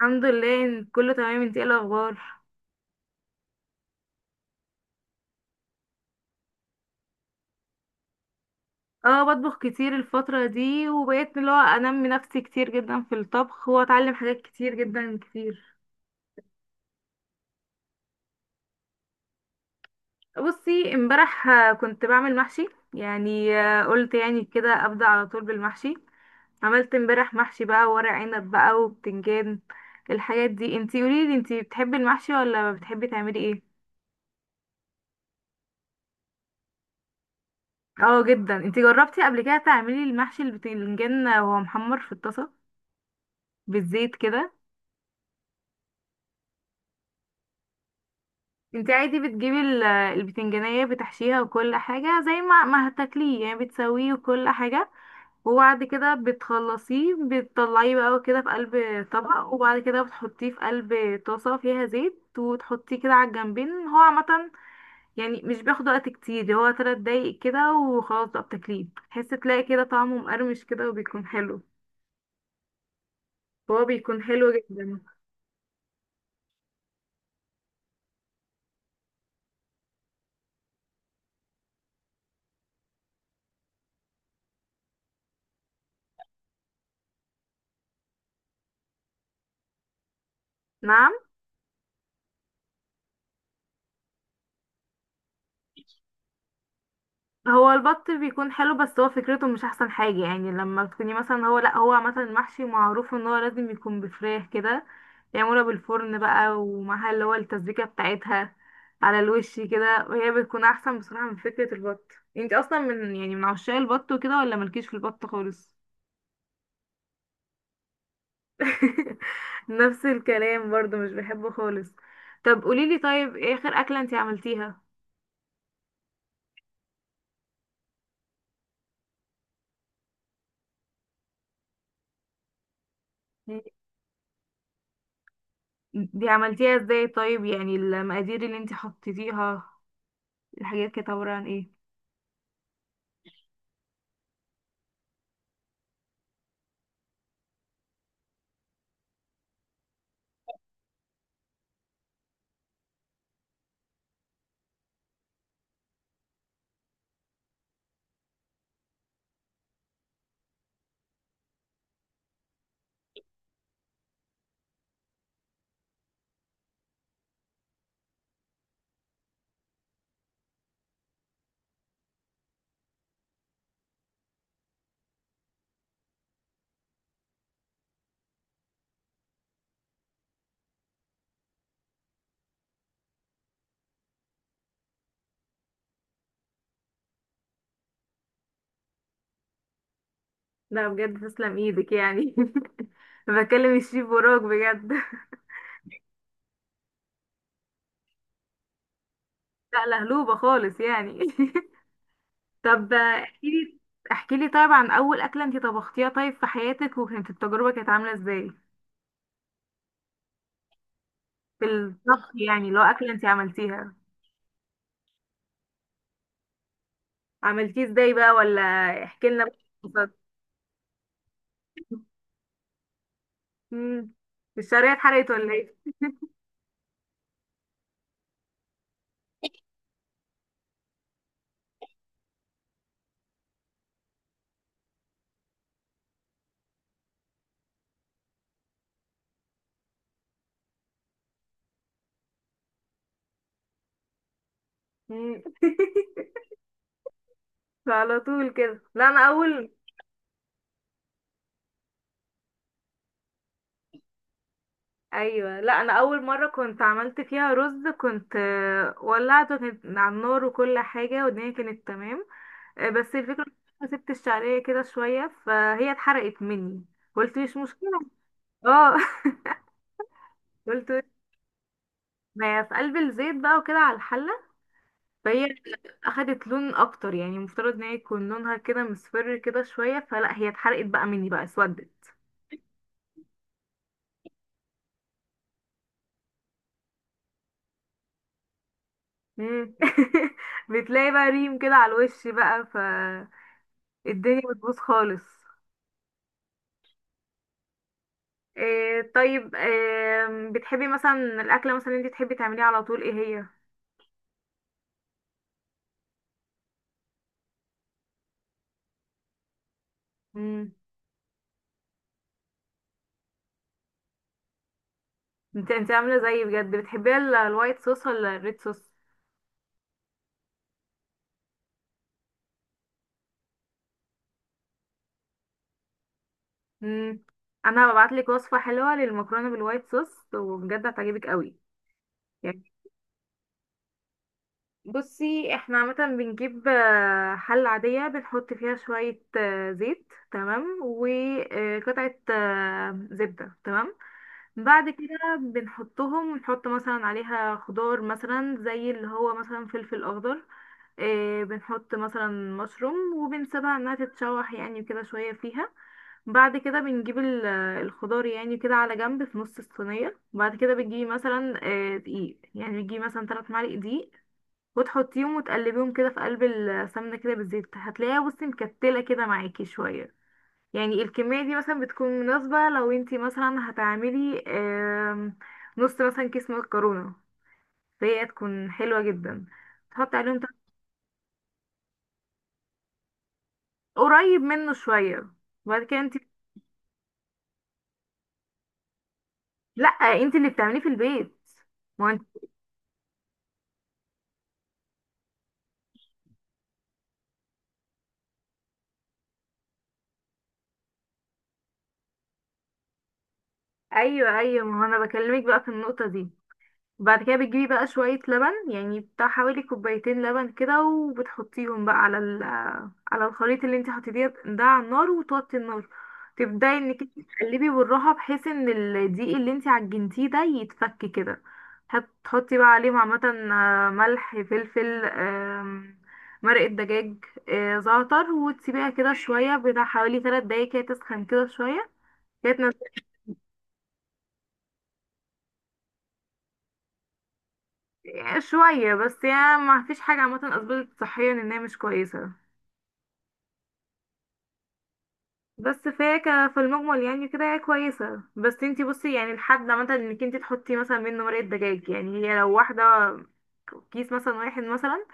الحمد لله إن كله تمام. انت ايه الاخبار؟ اه، بطبخ كتير الفترة دي، وبقيت اللي هو انمي نفسي كتير جدا في الطبخ واتعلم حاجات كتير جدا كتير. بصي امبارح، كنت بعمل محشي. يعني قلت يعني كده ابدأ على طول بالمحشي. عملت امبارح محشي بقى، ورق عنب بقى وبتنجان. الحاجات دي انتي قوليلي، انتي بتحبي المحشي ولا بتحبي تعملي ايه؟ اه جدا. انتي جربتي قبل كده تعملي المحشي البتنجان وهو محمر في الطاسة بالزيت كده؟ انت عادي بتجيبي البتنجانية، بتحشيها وكل حاجة زي ما هتاكليه يعني، بتسويه وكل حاجة. وبعد كده بتخلصيه، بتطلعيه بقى كده في قلب طبق. وبعد كده بتحطيه في قلب طاسة فيها زيت، وتحطيه كده على الجنبين. هو عامة يعني مش بياخد وقت كتير، هو تلات دقايق كده وخلاص بقى، بتاكليه تحس تلاقي كده طعمه مقرمش كده وبيكون حلو. هو بيكون حلو جدا. نعم. هو البط بيكون حلو، بس هو فكرته مش احسن حاجة يعني، لما تكوني مثلا هو لا هو مثلا المحشي معروف ان هو لازم يكون بفراخ كده، يعملها بالفرن بقى، ومعها اللي هو التسبيكة بتاعتها على الوش كده، وهي بتكون احسن بصراحة من فكرة البط. انت اصلا من عشاق البط وكده، ولا مالكيش في البط خالص؟ نفس الكلام برضو، مش بحبه خالص. طب قوليلي طيب، ايه اخر اكلة انت عملتيها؟ يعني دي عملتيها ازاي طيب؟ يعني المقادير اللي انت حطيتيها، الحاجات كانت عبارة عن ايه؟ لا بجد، تسلم ايدك يعني. بكلم الشيف وراك بجد. لا لهلوبة خالص يعني. طب احكيلي. احكيلي طيب عن اول اكلة انت طبختيها طيب في حياتك، وكانت التجربة كانت عاملة ازاي؟ في الطبخ يعني، لو اكلة انت عملتيها. عملتيه ازاي بقى؟ ولا احكي لنا بقى. امم الشرايح اتحرقت ولا ايه؟ مم. فعلى طول كده، لا انا اول. ايوه، لا انا اول مره كنت عملت فيها رز، كنت ولعته، كانت على النار وكل حاجه والدنيا كانت تمام. بس الفكره إن أنا سبت الشعريه كده شويه فهي اتحرقت مني. قلت مش مشكله. اه. قلت ما في قلب الزيت بقى وكده على الحله، فهي اخدت لون اكتر يعني. المفترض ان هي يكون لونها كده مصفر كده شويه، فلا، هي اتحرقت بقى مني بقى اسودت. مم. بتلاقي بقى ريم كده على الوش، بقى فالدنيا بتبوظ خالص. إيه طيب، إيه بتحبي مثلا؟ الأكلة مثلا انت تحبي تعمليها على طول، ايه هي؟ مم. انت عاملة زيي بجد! بتحبيها الوايت صوص ولا الريد صوص؟ مم. انا هبعتلك وصفة حلوة للمكرونة بالوايت صوص، وبجد هتعجبك قوي. يعني بصي، احنا عامة بنجيب حلة عادية، بنحط فيها شوية زيت تمام، وقطعة زبدة تمام. بعد كده نحط مثلا عليها خضار مثلا زي اللي هو مثلا فلفل اخضر. إيه، بنحط مثلا مشروم، وبنسيبها انها تتشوح يعني كده شوية فيها. بعد كده بنجيب الخضار يعني كده على جنب في نص الصينية، وبعد كده بتجيبي مثلا دقيق. يعني بتجيبي مثلا تلات معالق دقيق، وتحطيهم وتقلبيهم كده في قلب السمنة كده بالزيت، هتلاقيها بصي مكتلة كده معاكي شوية. يعني الكمية دي مثلا بتكون مناسبة لو انتي مثلا هتعملي نص مثلا كيس مكرونة، فهي تكون حلوة جدا. تحطي عليهم تلات-، قريب منه شوية. وبعد كده انتي، لأ، انتي اللي بتعمليه في البيت. ما انت، ايوه، ايوه، ما هو انا بكلمك بقى في النقطة دي. بعد كده بتجيبي بقى شوية لبن، يعني بتاع حوالي كوبايتين لبن كده، وبتحطيهم بقى على الخليط اللي انت حطيتيه ده على النار، وتوطي النار. تبدأي انك انت تقلبي بالراحة، بحيث ان الدقيق اللي انت عجنتيه ده يتفك كده. هتحطي بقى عليهم عامة ملح فلفل مرقة دجاج زعتر، وتسيبيها كده شوية بتاع حوالي تلات دقايق كده تسخن كده شوية. كانت شوية بس يعني، ما فيش حاجة عامة أثبتت صحيا إنها مش كويسة. بس فهي في المجمل يعني كده هي كويسة، بس انتي بصي يعني، الحد عامة انك انتي تحطي مثلا منه مرقة دجاج يعني، هي لو واحدة كيس مثلا واحد مثلا،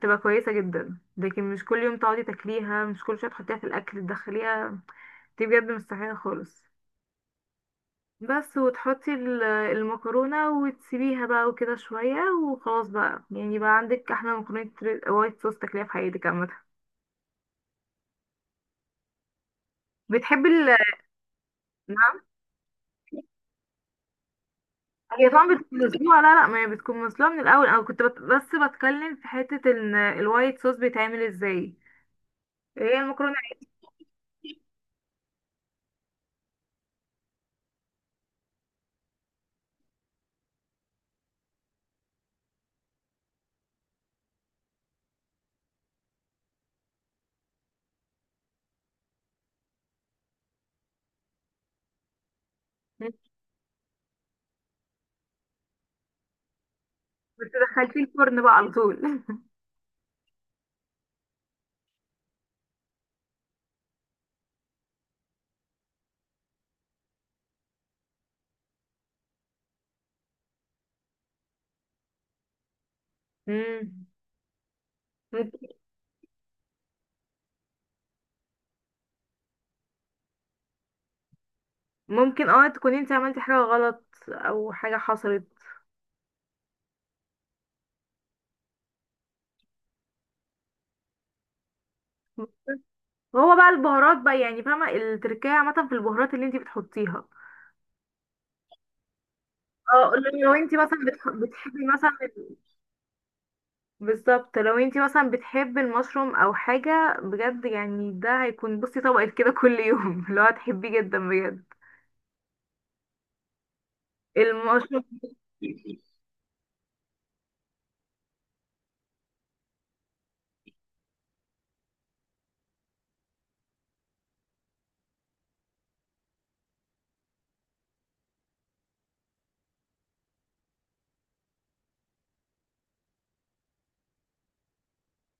تبقى كويسة جدا. لكن مش كل يوم تقعدي تاكليها، مش كل شوية تحطيها في الأكل تدخليها، دي بجد مستحيلة خالص. بس وتحطي المكرونة وتسيبيها بقى وكده شوية، وخلاص بقى يعني بقى عندك أحلى مكرونة وايت صوص تاكليها في حياتك عامة. بتحبي ال-، هي طبعا بتكون مسلوقة. لا، لا، ما هي بتكون مسلوقة من الأول. أنا كنت بس بتكلم في حتة إن الوايت صوص بيتعمل ازاي. هي المكرونة. مم. بتدخل في الفرن بقى على طول؟ مم. ممكن. ممكن اه، تكوني انت عملتي حاجة غلط أو حاجة حصلت. هو بقى البهارات بقى يعني، فاهمة التركية عامة في البهارات اللي انت بتحطيها. اه. لو انت مثلا بتحبي مثلا، بالظبط، لو انتي مثلا بتحبي المشروم او حاجة بجد يعني، ده هيكون بصي طبقة كده كل يوم. اللي هو هتحبيه جدا بجد. المشروم.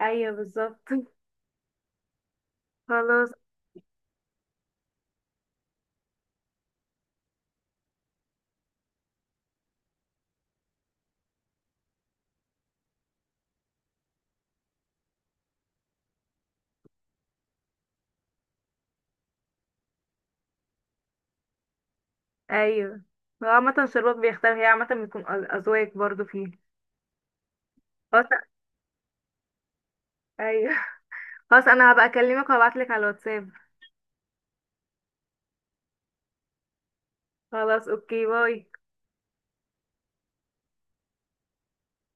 ايوه، بالظبط. خلاص. ايوه. هو عامة شربات بيختار، هي عامة بيكون أذواق برضو فيه. خلاص. ايوه. خلاص، انا هبقى اكلمك وهبعتلك على الواتساب. خلاص، اوكي، باي.